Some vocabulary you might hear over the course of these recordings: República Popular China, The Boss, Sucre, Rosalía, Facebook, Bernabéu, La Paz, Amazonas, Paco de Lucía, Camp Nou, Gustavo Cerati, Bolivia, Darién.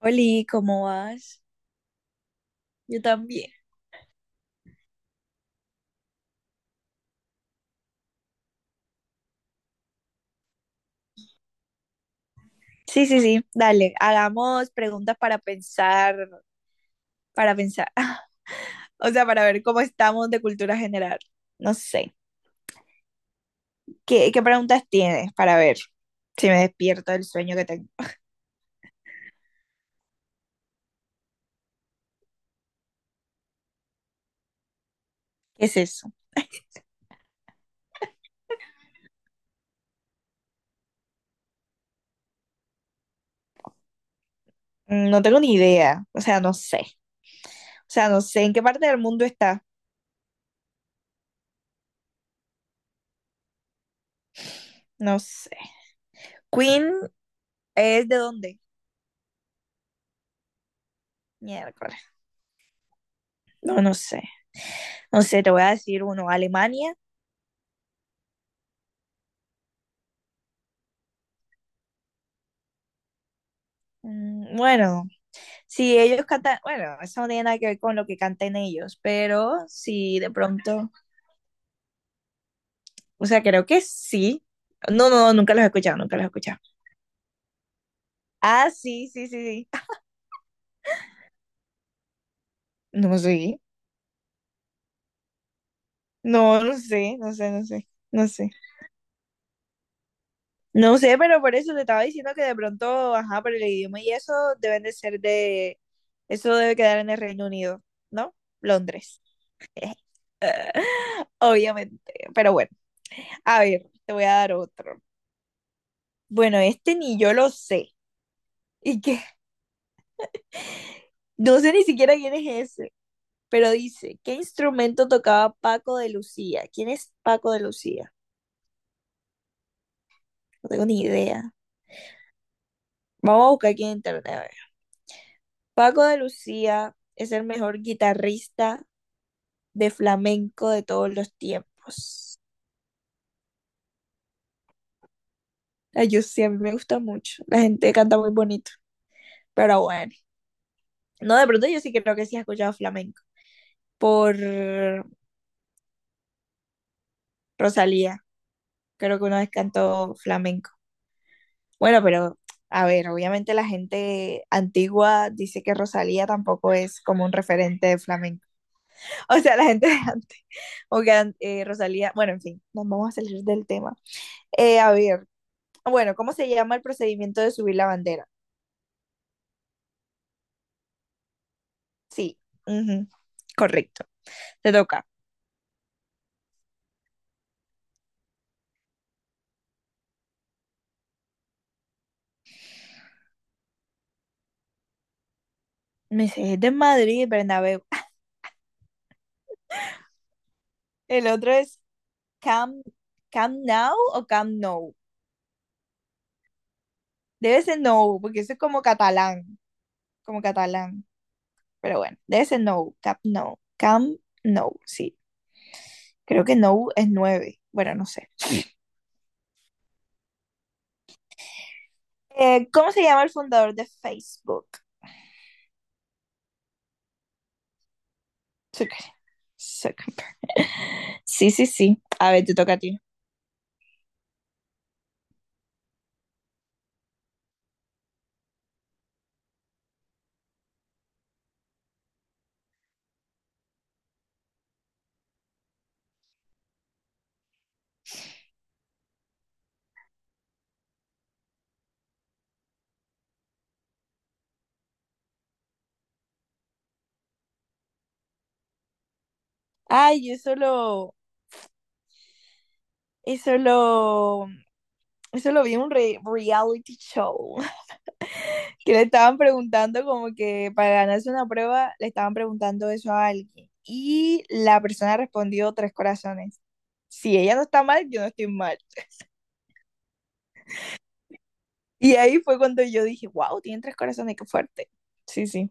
Oli, ¿cómo vas? Yo también. Sí, sí, sí, dale, hagamos preguntas para pensar, o sea, para ver cómo estamos de cultura general. No sé, ¿qué preguntas tienes para ver si me despierto del sueño que tengo? ¿Qué es eso? No tengo ni idea, o sea, no sé, o sea, no sé en qué parte del mundo está, no sé. ¿Queen es de dónde? Miércoles, no, no sé, no sé, te voy a decir uno, Alemania, Mm, bueno. Si ellos cantan, bueno, eso no tiene nada que ver con lo que canten ellos, pero si de pronto, o sea, creo que sí. No, no, nunca los he escuchado, nunca los he escuchado. Ah, sí, sí, sí, sí. No sé, no, no sé, no sé, no sé, no sé. No sé, pero por eso te estaba diciendo que de pronto, ajá, por el idioma y eso deben de ser de, eso debe quedar en el Reino Unido, ¿no? Londres. Obviamente, pero bueno, a ver, te voy a dar otro. Bueno, este ni yo lo sé. ¿Y qué? No sé ni siquiera quién es ese, pero dice, ¿qué instrumento tocaba Paco de Lucía? ¿Quién es Paco de Lucía? No tengo ni idea. Vamos a buscar aquí en internet. A ver. Paco de Lucía es el mejor guitarrista de flamenco de todos los tiempos. Ay, yo sí, a mí me gusta mucho. La gente canta muy bonito, pero bueno. No, de pronto yo sí creo que sí he escuchado flamenco por Rosalía. Creo que una vez cantó flamenco. Bueno, pero a ver, obviamente la gente antigua dice que Rosalía tampoco es como un referente de flamenco. O sea, la gente de antes, o que Rosalía, bueno, en fin, nos vamos a salir del tema. A ver, bueno, ¿cómo se llama el procedimiento de subir la bandera? Sí, ujú, correcto, te toca. Me sé, es de Madrid, Bernabéu. El otro es Camp, Camp Now o Camp No. Debe ser No, porque eso es como catalán, como catalán. Pero bueno, debe ser no, Cap no, Cam no, sí. Creo que no es nueve. Bueno, no sé. ¿Cómo se llama el fundador de Facebook? Sí, sí, sí. A ver, te toca a ti. Ay, yo solo, eso lo, eso lo vi en un reality show. Que le estaban preguntando como que para ganarse una prueba, le estaban preguntando eso a alguien. Y la persona respondió tres corazones. Si ella no está mal, yo no estoy mal. Y ahí fue cuando yo dije, wow, tienen tres corazones, qué fuerte. Sí, sí.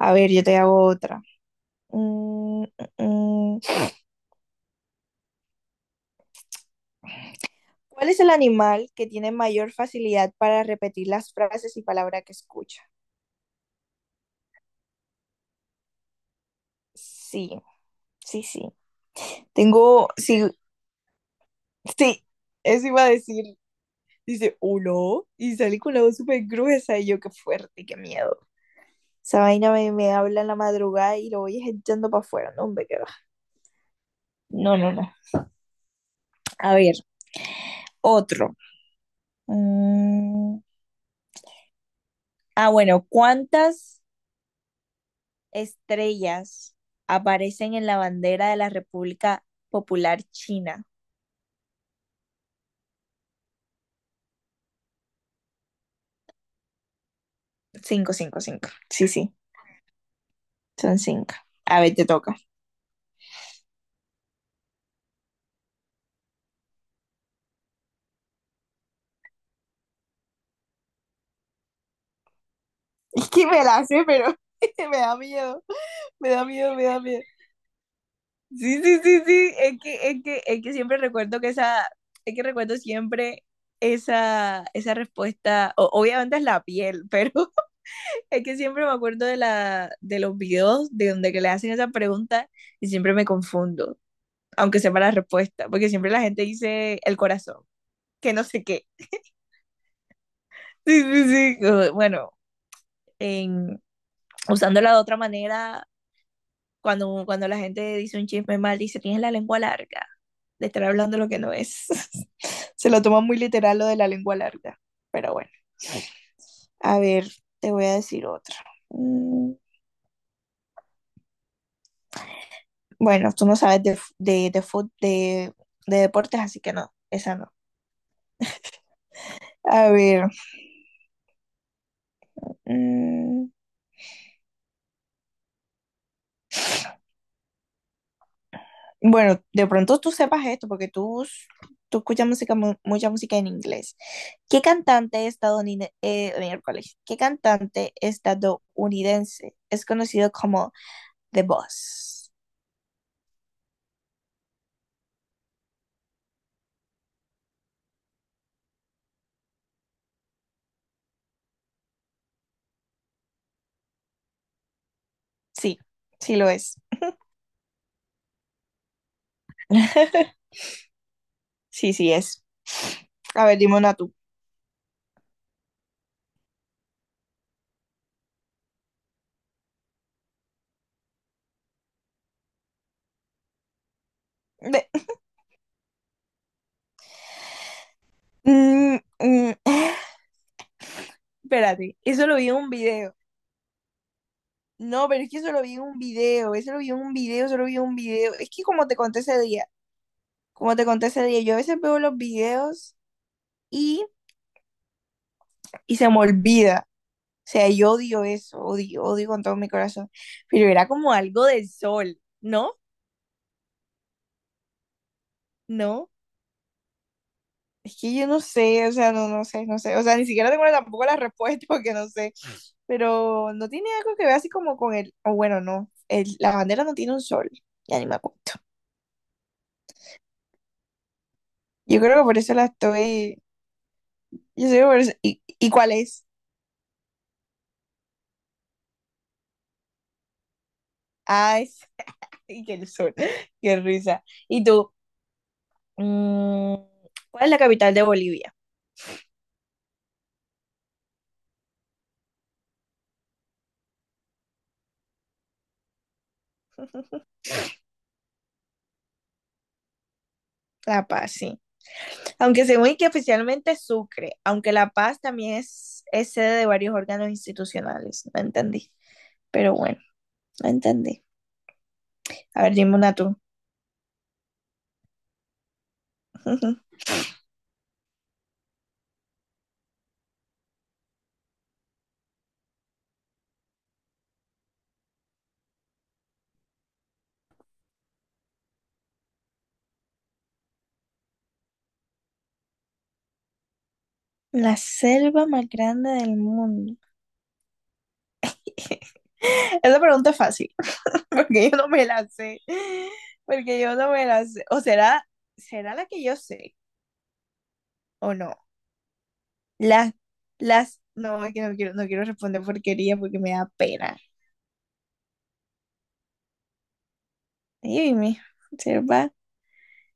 A ver, yo te hago otra. Mm, mm. mm. ¿Cuál es el animal que tiene mayor facilidad para repetir las frases y palabras que escucha? Sí, sí, sí. Tengo, sí, sí, eso iba a decir. Dice, uno, y salí con la voz súper gruesa y yo, qué fuerte, qué miedo. Esa vaina me habla en la madrugada y lo voy echando para afuera, no, hombre, qué va. No, no, no. A ver, otro. Mm. Ah, bueno, ¿cuántas estrellas aparecen en la bandera de la República Popular China? Cinco, cinco, cinco. Sí, sí, son cinco. A ver, te toca. Es que me la sé, pero me da miedo, me da miedo, me da miedo. Sí, sí, sí, sí, es que, siempre recuerdo que esa, es que recuerdo siempre esa respuesta, obviamente es la piel, pero es que siempre me acuerdo de la, de los videos de donde que le hacen esa pregunta y siempre me confundo. Aunque sepa la respuesta, porque siempre la gente dice el corazón, que no sé qué. Sí, sí, sí. Bueno, en, usándola de otra manera, cuando la gente dice un chisme mal, dice, tienes la lengua larga, de estar hablando lo que no es. Se lo toma muy literal lo de la lengua larga, pero bueno, a ver, te voy a decir otra. Mm, Bueno, tú no sabes de, f- de, fut- de deportes, así que no, esa no. A ver, mm, Bueno, de pronto tú sepas esto, porque tú escuchas música, mucha música en inglés. ¿Qué cantante estadounidense, qué cantante estadounidense es conocido como The Boss? Sí, sí lo es. Sí, sí es. A ver, dime una tú. De- Mm, mm, Espérate, eso lo vi en un video. No, pero es que eso lo vi en un video, eso lo vi en un video, eso lo vi en un video. Es que como te conté ese día, como te conté ese día, yo a veces veo los videos y se me olvida. O sea, yo odio eso, odio, odio con todo mi corazón. Pero era como algo del sol, ¿no? No, es que yo no sé, o sea, no, no sé, no sé. O sea, ni siquiera tengo tampoco la respuesta porque no sé. Pero no tiene algo que ver así como con el, o bueno, no, la bandera no tiene un sol, ya ni me acuerdo. Yo creo que por eso la estoy, yo sé que por eso, ¿y cuál es? Ah, es, y que el sol, qué risa. Y tú, mm, ¿cuál es la capital de Bolivia? La Paz, sí. Aunque según que oficialmente es Sucre, aunque La Paz también es sede de varios órganos institucionales. No entendí. Pero bueno, no entendí. A ver, dime una tú. La selva más grande del mundo. Esa pregunta es fácil, porque yo no me la sé. Porque yo no me la sé. O será, será la que yo sé, o no. Las, no, es que no quiero, no quiero responder porquería porque me da pena. Ay, mi selva,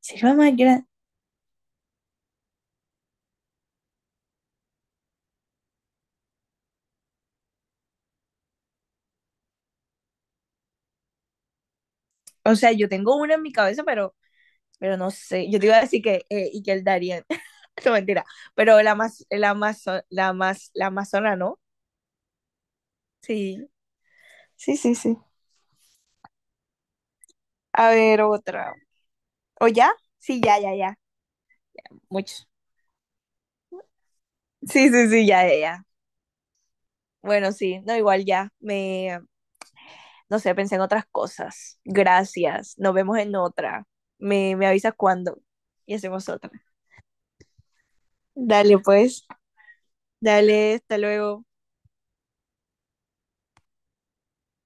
selva más grande. O sea, yo tengo una en mi cabeza, pero no sé. Yo te iba a decir que, y que el Darien. No, mentira. Pero la más, la amazona, ¿no? Sí. Sí, sí, sí. A ver, otra. ¿O ya? Sí, ya, ya, ya. Mucho. Sí, sí, sí, ya, ya, ya. Bueno, sí. No, igual ya. No sé, pensé en otras cosas. Gracias. Nos vemos en otra. Me avisas cuándo y hacemos otra. Dale, pues. Dale, hasta luego.